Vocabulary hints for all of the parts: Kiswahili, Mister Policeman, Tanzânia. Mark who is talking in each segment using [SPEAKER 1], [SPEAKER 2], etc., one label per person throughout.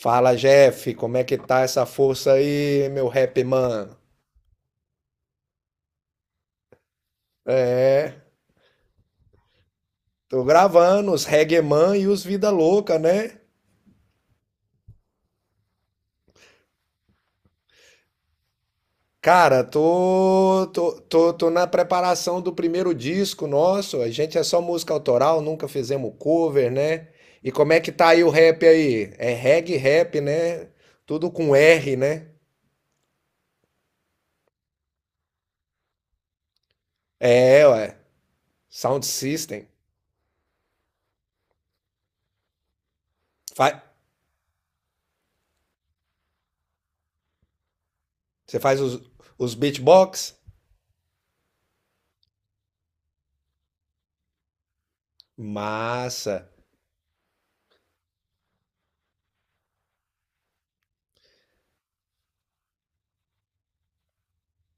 [SPEAKER 1] Fala, Jeff, como é que tá essa força aí, meu rap man? É, tô gravando os reggae man e os vida louca, né? Cara, tô na preparação do primeiro disco nosso. A gente é só música autoral, nunca fizemos cover, né? E como é que tá aí o rap aí? É reggae rap, né? Tudo com R, né? É, ué. Sound System. Fa- Você faz os beatbox? Massa.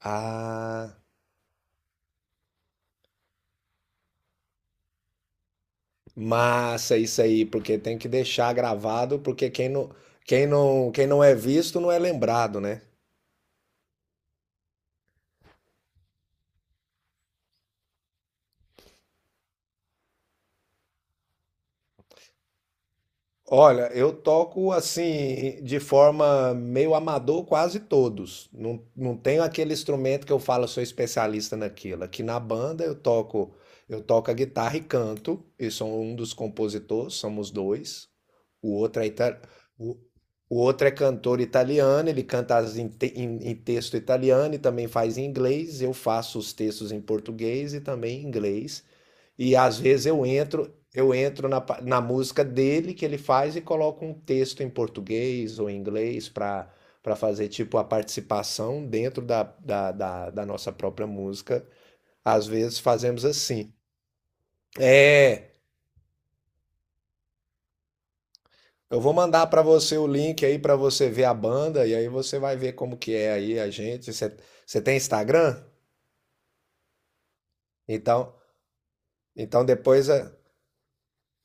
[SPEAKER 1] Ah. Massa isso aí, porque tem que deixar gravado, porque quem não é visto não é lembrado, né? Olha, eu toco assim, de forma meio amador, quase todos. Não, não tenho aquele instrumento que eu falo, sou especialista naquilo. Aqui na banda eu toco a guitarra e canto, e sou um dos compositores, somos dois. O outro é, ita- o, o outro é cantor italiano, ele canta as em, te- em- em texto italiano e também faz em inglês. Eu faço os textos em português e também em inglês. E às vezes eu entro na música dele que ele faz e coloco um texto em português ou em inglês para fazer tipo a participação dentro da nossa própria música. Às vezes fazemos assim. É, eu vou mandar para você o link aí para você ver a banda e aí você vai ver como que é aí a gente. Você tem Instagram? Então, então depois a,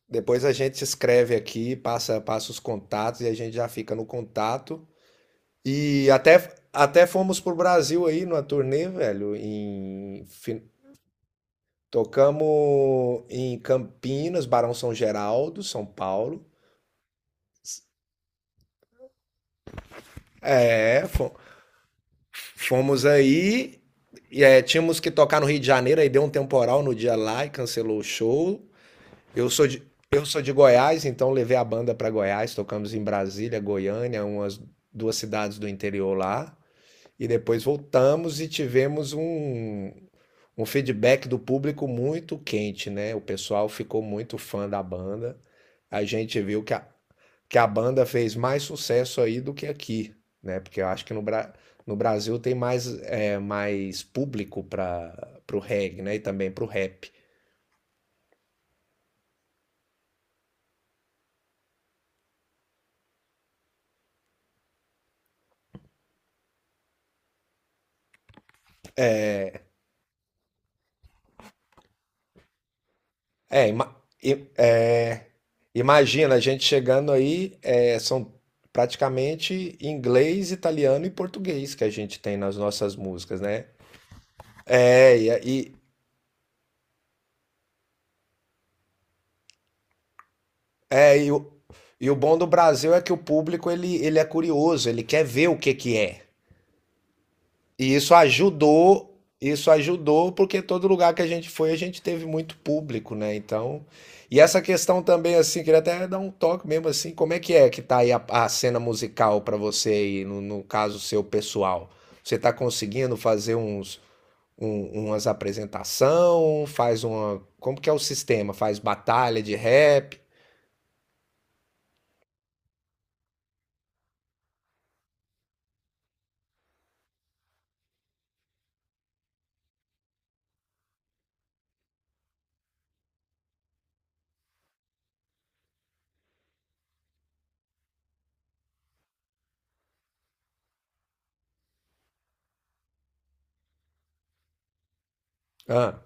[SPEAKER 1] depois a gente escreve aqui, passa os contatos e a gente já fica no contato. E até fomos pro Brasil aí numa turnê, velho. Tocamos em Campinas, Barão São Geraldo, São Paulo. É, fomos aí. E, tínhamos que tocar no Rio de Janeiro, aí deu um temporal no dia lá e cancelou o show. Eu sou de, eu sou de Goiás, então levei a banda para Goiás, tocamos em Brasília, Goiânia, umas duas cidades do interior lá. E depois voltamos e tivemos um feedback do público muito quente, né? O pessoal ficou muito fã da banda. A gente viu que a banda fez mais sucesso aí do que aqui, né? Porque eu acho que no Brasil tem mais público para o reggae, né? E também para o rap. É, ima- i- é, imagina a gente chegando aí, são praticamente inglês, italiano e português que a gente tem nas nossas músicas, né? É, e, É, e, o, e o bom do Brasil é que o público ele é curioso, ele quer ver o que que é. E isso ajudou porque todo lugar que a gente foi, a gente teve muito público, né? Então, e essa questão também assim, queria até dar um toque mesmo assim, como é que tá aí a cena musical para você aí, no caso seu pessoal? Você tá conseguindo fazer umas apresentação? Como que é o sistema? Faz batalha de rap? Ah,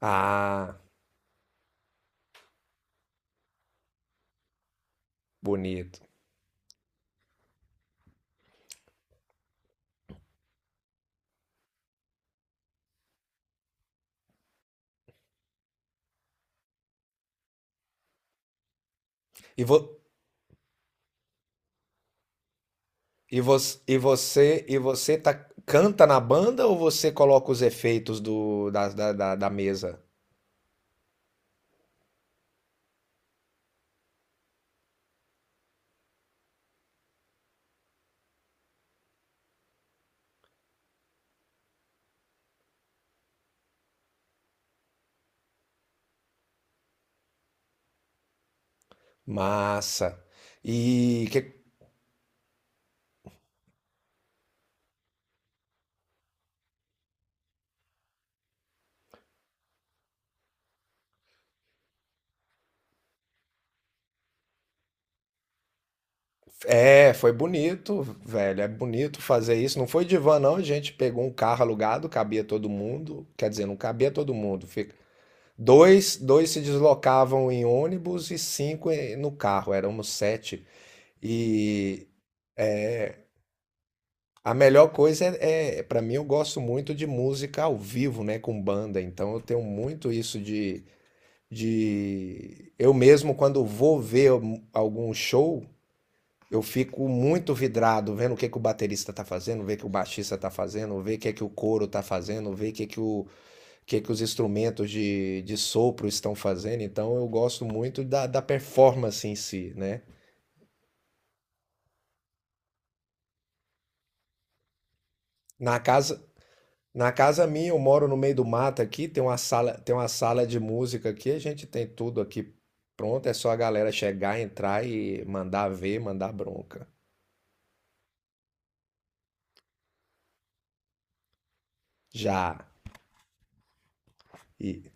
[SPEAKER 1] ah. Bonito. E, vo, e você tá, canta na banda ou você coloca os efeitos do, da, da, da, da mesa? Massa. E que, foi bonito, velho. É bonito fazer isso. Não foi divã, não. A gente pegou um carro alugado, cabia todo mundo. Quer dizer, não cabia todo mundo. Dois se deslocavam em ônibus e cinco no carro. Éramos sete. E, A melhor coisa é, é para mim, eu gosto muito de música ao vivo, né, com banda. Então eu tenho muito isso. Eu mesmo quando vou ver algum show, eu fico muito vidrado vendo o que que o baterista tá fazendo, ver o que o baixista tá fazendo, ver o que que o coro tá fazendo, ver o que que o que que os instrumentos de sopro estão fazendo. Então eu gosto muito da performance em si, né? Na casa, Na casa minha, eu moro no meio do mato aqui, tem uma sala, de música aqui, a gente tem tudo aqui pronto, é só a galera chegar, entrar e mandar ver, mandar bronca. Já. E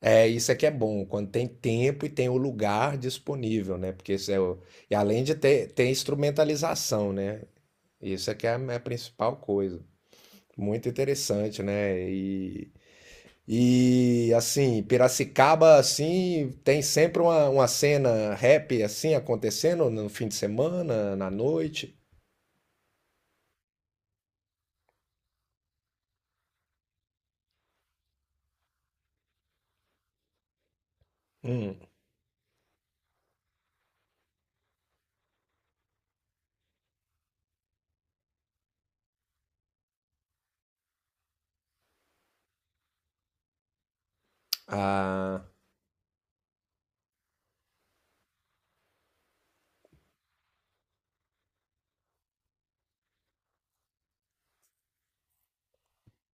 [SPEAKER 1] isso é que é bom, quando tem tempo e tem o lugar disponível, né? Porque isso é o, e além de ter instrumentalização, né? Isso é que é é a principal coisa. Muito interessante, né? E assim, Piracicaba assim tem sempre uma cena rap assim acontecendo no fim de semana, na noite. Hum. Ah,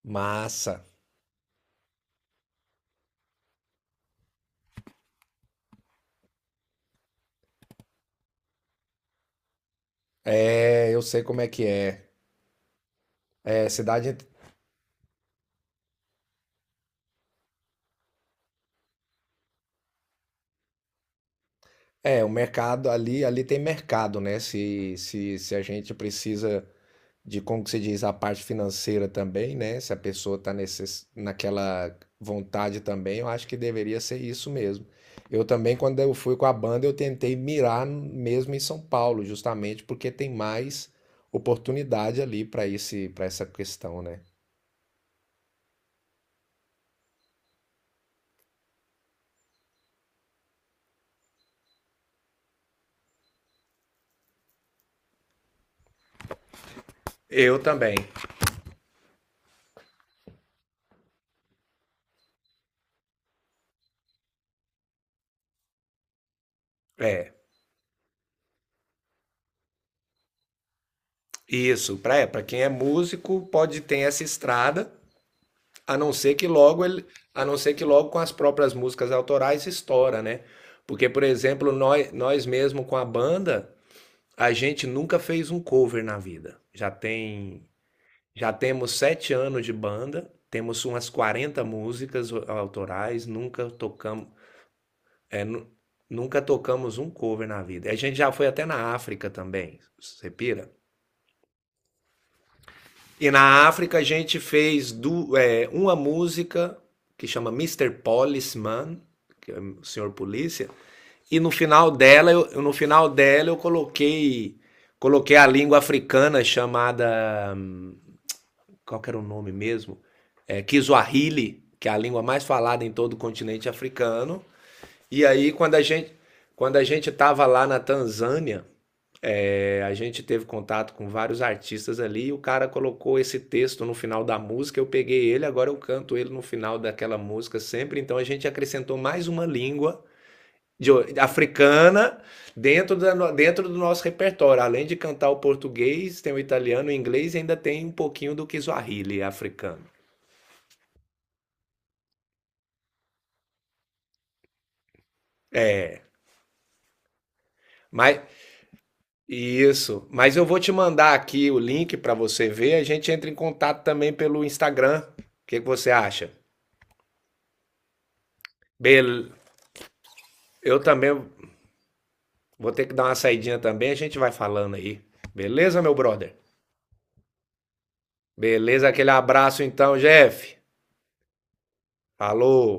[SPEAKER 1] massa. É, eu sei como é que é. É, o mercado ali tem mercado, né? Se a gente precisa de como que se diz a parte financeira também, né? Se a pessoa está naquela vontade também, eu acho que deveria ser isso mesmo. Eu também, quando eu fui com a banda, eu tentei mirar mesmo em São Paulo, justamente porque tem mais oportunidade ali para essa questão, né? Eu também. É, isso. Para quem é músico, pode ter essa estrada. A não ser que logo ele, a não ser que logo com as próprias músicas autorais estoura, né? Porque, por exemplo, nós mesmo com a banda, a gente nunca fez um cover na vida. Já temos 7 anos de banda, temos umas 40 músicas autorais, é, nu- nunca tocamos um cover na vida. A gente já foi até na África também, você pira? E na África a gente fez uma música que chama Mister Policeman, que é o senhor polícia. E no final dela, no final dela eu coloquei a língua africana chamada, qual que era o nome mesmo? É, Kiswahili, que é a língua mais falada em todo o continente africano. E aí quando a gente estava lá na Tanzânia, a gente teve contato com vários artistas ali e o cara colocou esse texto no final da música. Eu peguei ele, agora eu canto ele no final daquela música sempre. Então a gente acrescentou mais uma língua africana dentro, da, no- dentro do nosso repertório. Além de cantar o português, tem o italiano, o inglês e ainda tem um pouquinho do Kiswahili africano. É, mas isso. Mas eu vou te mandar aqui o link para você ver. A gente entra em contato também pelo Instagram. O que que você acha? Bel Eu também vou ter que dar uma saidinha também, a gente vai falando aí. Beleza, meu brother? Beleza, aquele abraço então, Jeff. Falou.